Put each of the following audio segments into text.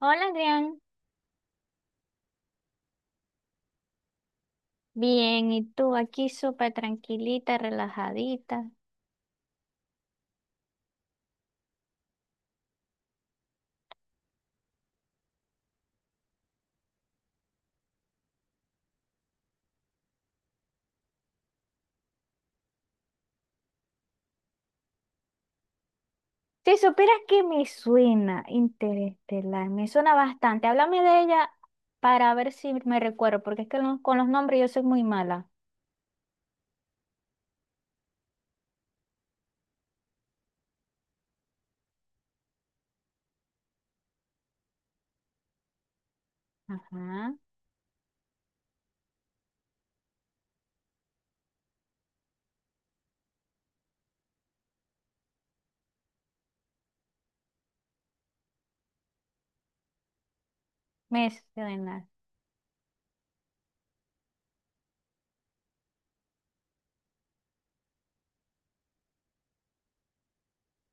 Hola, Adrián. Bien, ¿y tú aquí súper tranquilita, relajadita? Si supieras que me suena Interestelar, me suena bastante. Háblame de ella para ver si me recuerdo, porque es que con los nombres yo soy muy mala. Ajá, me suena.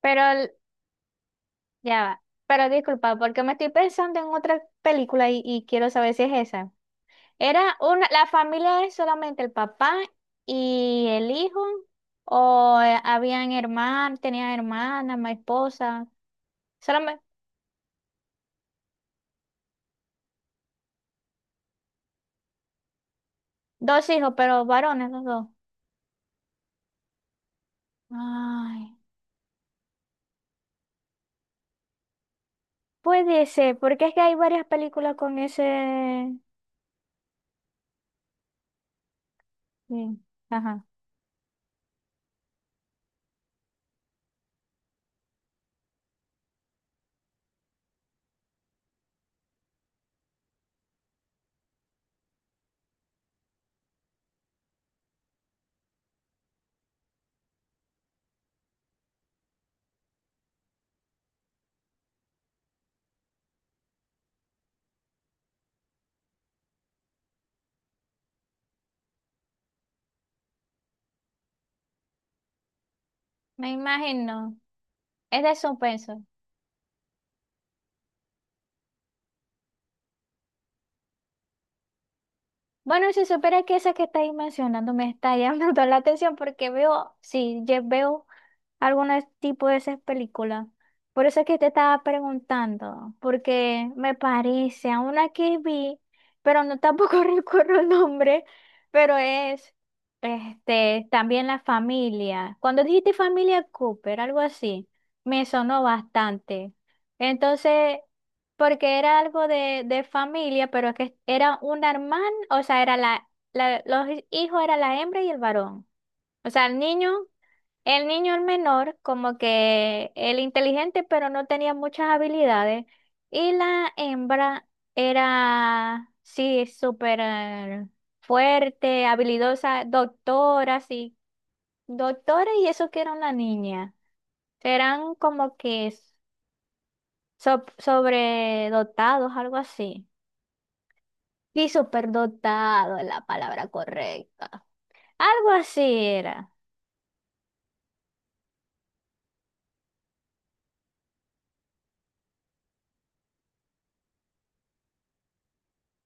Pero ya va. Pero disculpa, porque me estoy pensando en otra película y quiero saber si es esa. Era una, la familia es solamente el papá y el hijo, o habían hermanos, tenían hermana, mi esposa, solamente dos hijos, pero varones los dos. Ay, puede ser, porque es que hay varias películas con ese. Sí, ajá, me imagino. Es de suspenso. Bueno, si supiera que esa que estáis mencionando me está llamando la atención porque veo, sí, yo veo algunos tipo de esas películas. Por eso es que te estaba preguntando, porque me parece a una que vi, pero no tampoco recuerdo el nombre, pero es este también la familia. Cuando dijiste familia Cooper, algo así, me sonó bastante. Entonces, porque era algo de familia, pero que era una hermana, o sea, era los hijos era la hembra y el varón. O sea, el niño. El niño, el menor, como que el inteligente, pero no tenía muchas habilidades. Y la hembra era, sí, súper fuerte, habilidosa, doctora, sí, doctora, y eso que era una niña. Eran como que sobredotados, algo así. Sí, superdotado es la palabra correcta. Algo así era.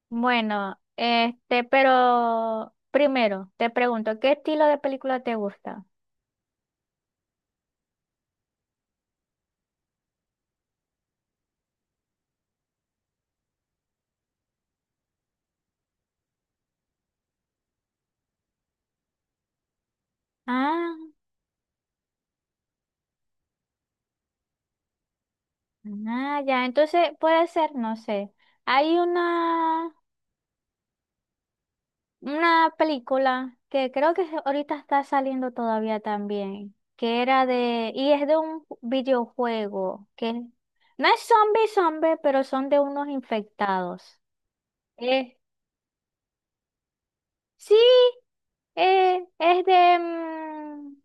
Bueno, pero primero te pregunto, ¿qué estilo de película te gusta? Ah, ah, ya, entonces puede ser, no sé. Hay una película que creo que ahorita está saliendo todavía también, que era y es de un videojuego, que no es zombie zombie, pero son de unos infectados. Eh, sí, es de,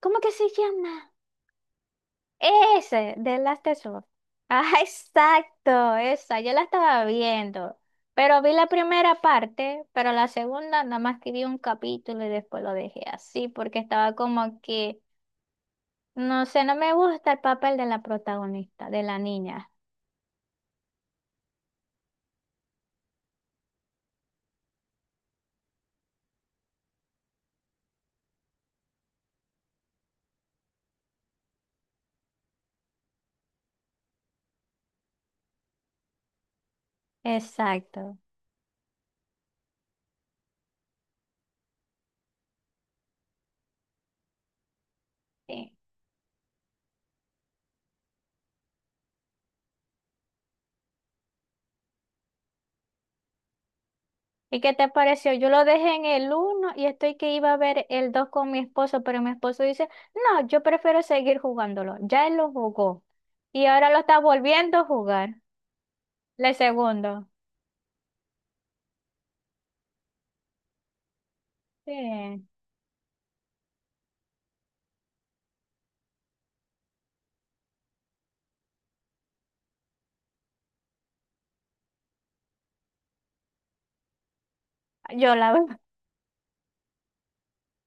¿cómo que se llama? Ese, de Last of Us. Ah, exacto, esa, yo la estaba viendo. Pero vi la primera parte, pero la segunda nada más que vi un capítulo y después lo dejé así, porque estaba como que, no sé, no me gusta el papel de la protagonista, de la niña. Exacto. Sí. ¿Y qué te pareció? Yo lo dejé en el uno y estoy que iba a ver el dos con mi esposo, pero mi esposo dice, no, yo prefiero seguir jugándolo. Ya él lo jugó y ahora lo está volviendo a jugar. La segundo, sí. Yo la veo.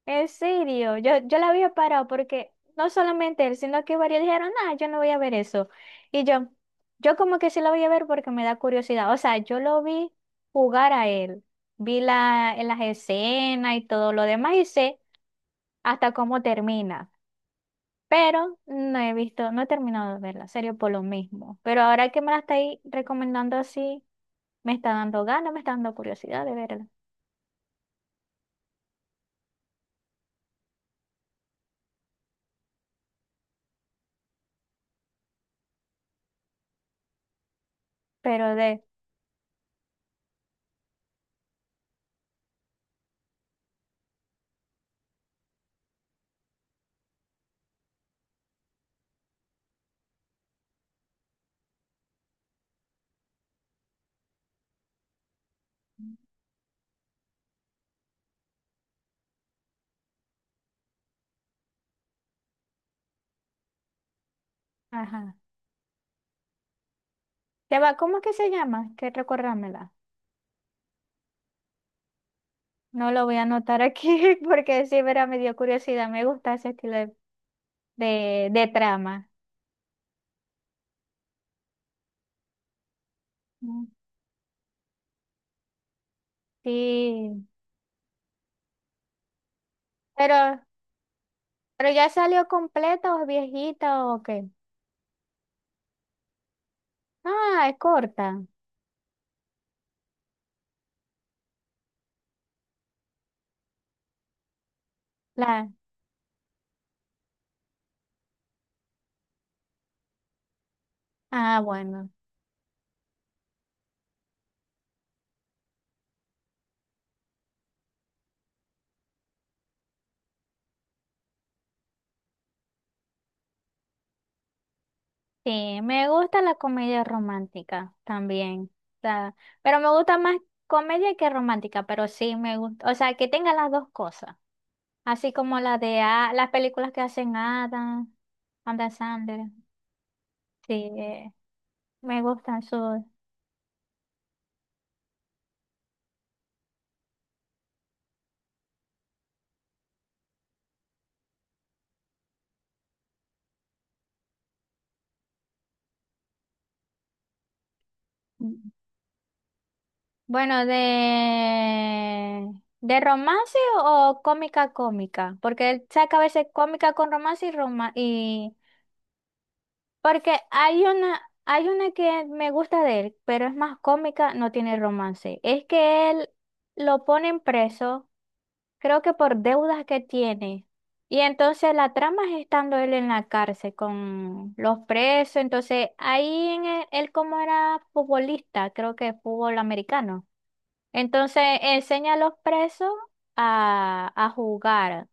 En serio, yo la había parado porque no solamente él, sino que varios dijeron, ah, yo no voy a ver eso. Y yo como que sí la voy a ver porque me da curiosidad. O sea, yo lo vi jugar a él. Vi en las escenas y todo lo demás y sé hasta cómo termina. Pero no he visto, no he terminado de verla, en serio, por lo mismo. Pero ahora que me la estáis recomendando así, me está dando ganas, me está dando curiosidad de verla. Pero de, ajá. Se va, ¿cómo es que se llama? Que recordámela. No lo voy a anotar aquí porque sí, verá, me dio curiosidad. Me gusta ese estilo de trama. Mm. Sí, pero, pero ya salió completa o es viejita o qué. Ah, es corta. La, ah, bueno. Sí, me gusta la comedia romántica también. O sea, pero me gusta más comedia que romántica, pero sí me gusta, o sea, que tenga las dos cosas. Así como la de las películas que hacen Adam Sandler. Sí, me gustan sus. Bueno, de romance o cómica cómica, porque él saca a veces cómica con romance y. Porque hay una que me gusta de él, pero es más cómica, no tiene romance. Es que él lo ponen preso, creo que por deudas que tiene. Y entonces la trama es estando él en la cárcel con los presos. Entonces ahí él como era futbolista, creo que fútbol americano. Entonces enseña a los presos a jugar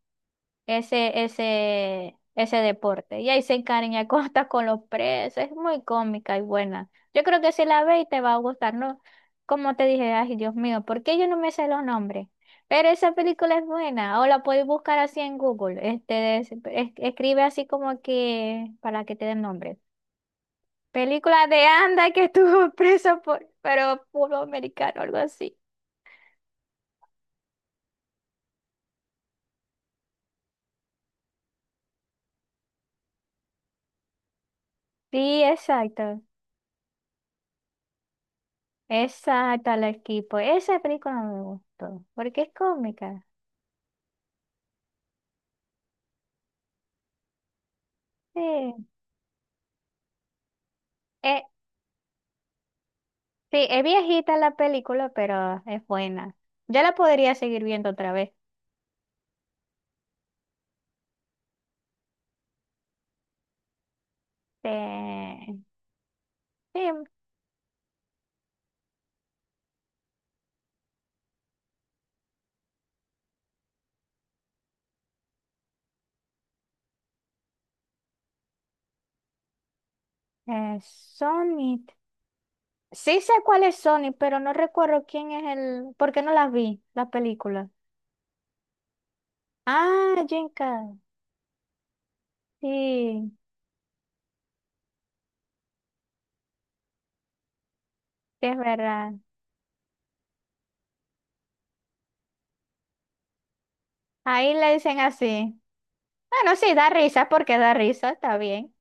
ese deporte. Y ahí se encariña hasta con los presos. Es muy cómica y buena. Yo creo que si la ves te va a gustar, ¿no? Como te dije, ay, Dios mío, ¿por qué yo no me sé los nombres? Pero esa película es buena, o la puedes buscar así en Google. Escribe así como que para que te den nombre. Película de Anda que estuvo preso por, pero puro americano, algo así. Sí, exacto. Exacto, al equipo. Esa película me gustó, porque es cómica. Sí, eh, sí, es viejita la película, pero es buena. Ya la podría seguir viendo otra vez. Sí, sí, Sonic. Sí sé cuál es Sonic, pero no recuerdo quién es el. ¿Por qué no la vi, la película? Ah, Jim Carrey. Sí, sí, es verdad. Ahí le dicen así. Bueno, sí, da risa porque da risa, está bien.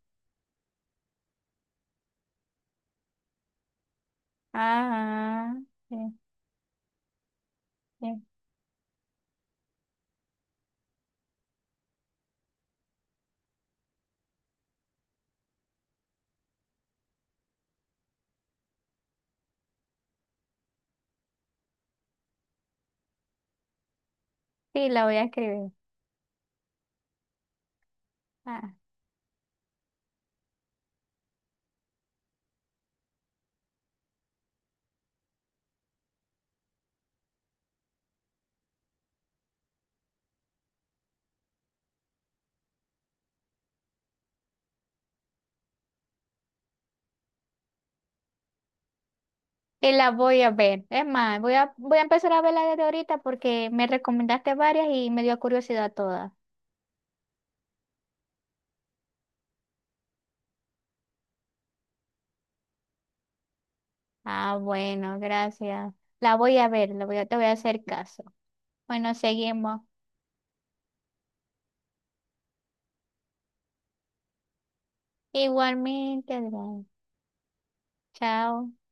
Ajá. Sí. Sí. Sí, la voy a escribir. Ah, y la voy a ver. Es más, voy a empezar a verla desde ahorita porque me recomendaste varias y me dio curiosidad todas. Ah, bueno, gracias. La voy a ver, te voy a hacer caso. Bueno, seguimos. Igualmente, Adrián. Chao.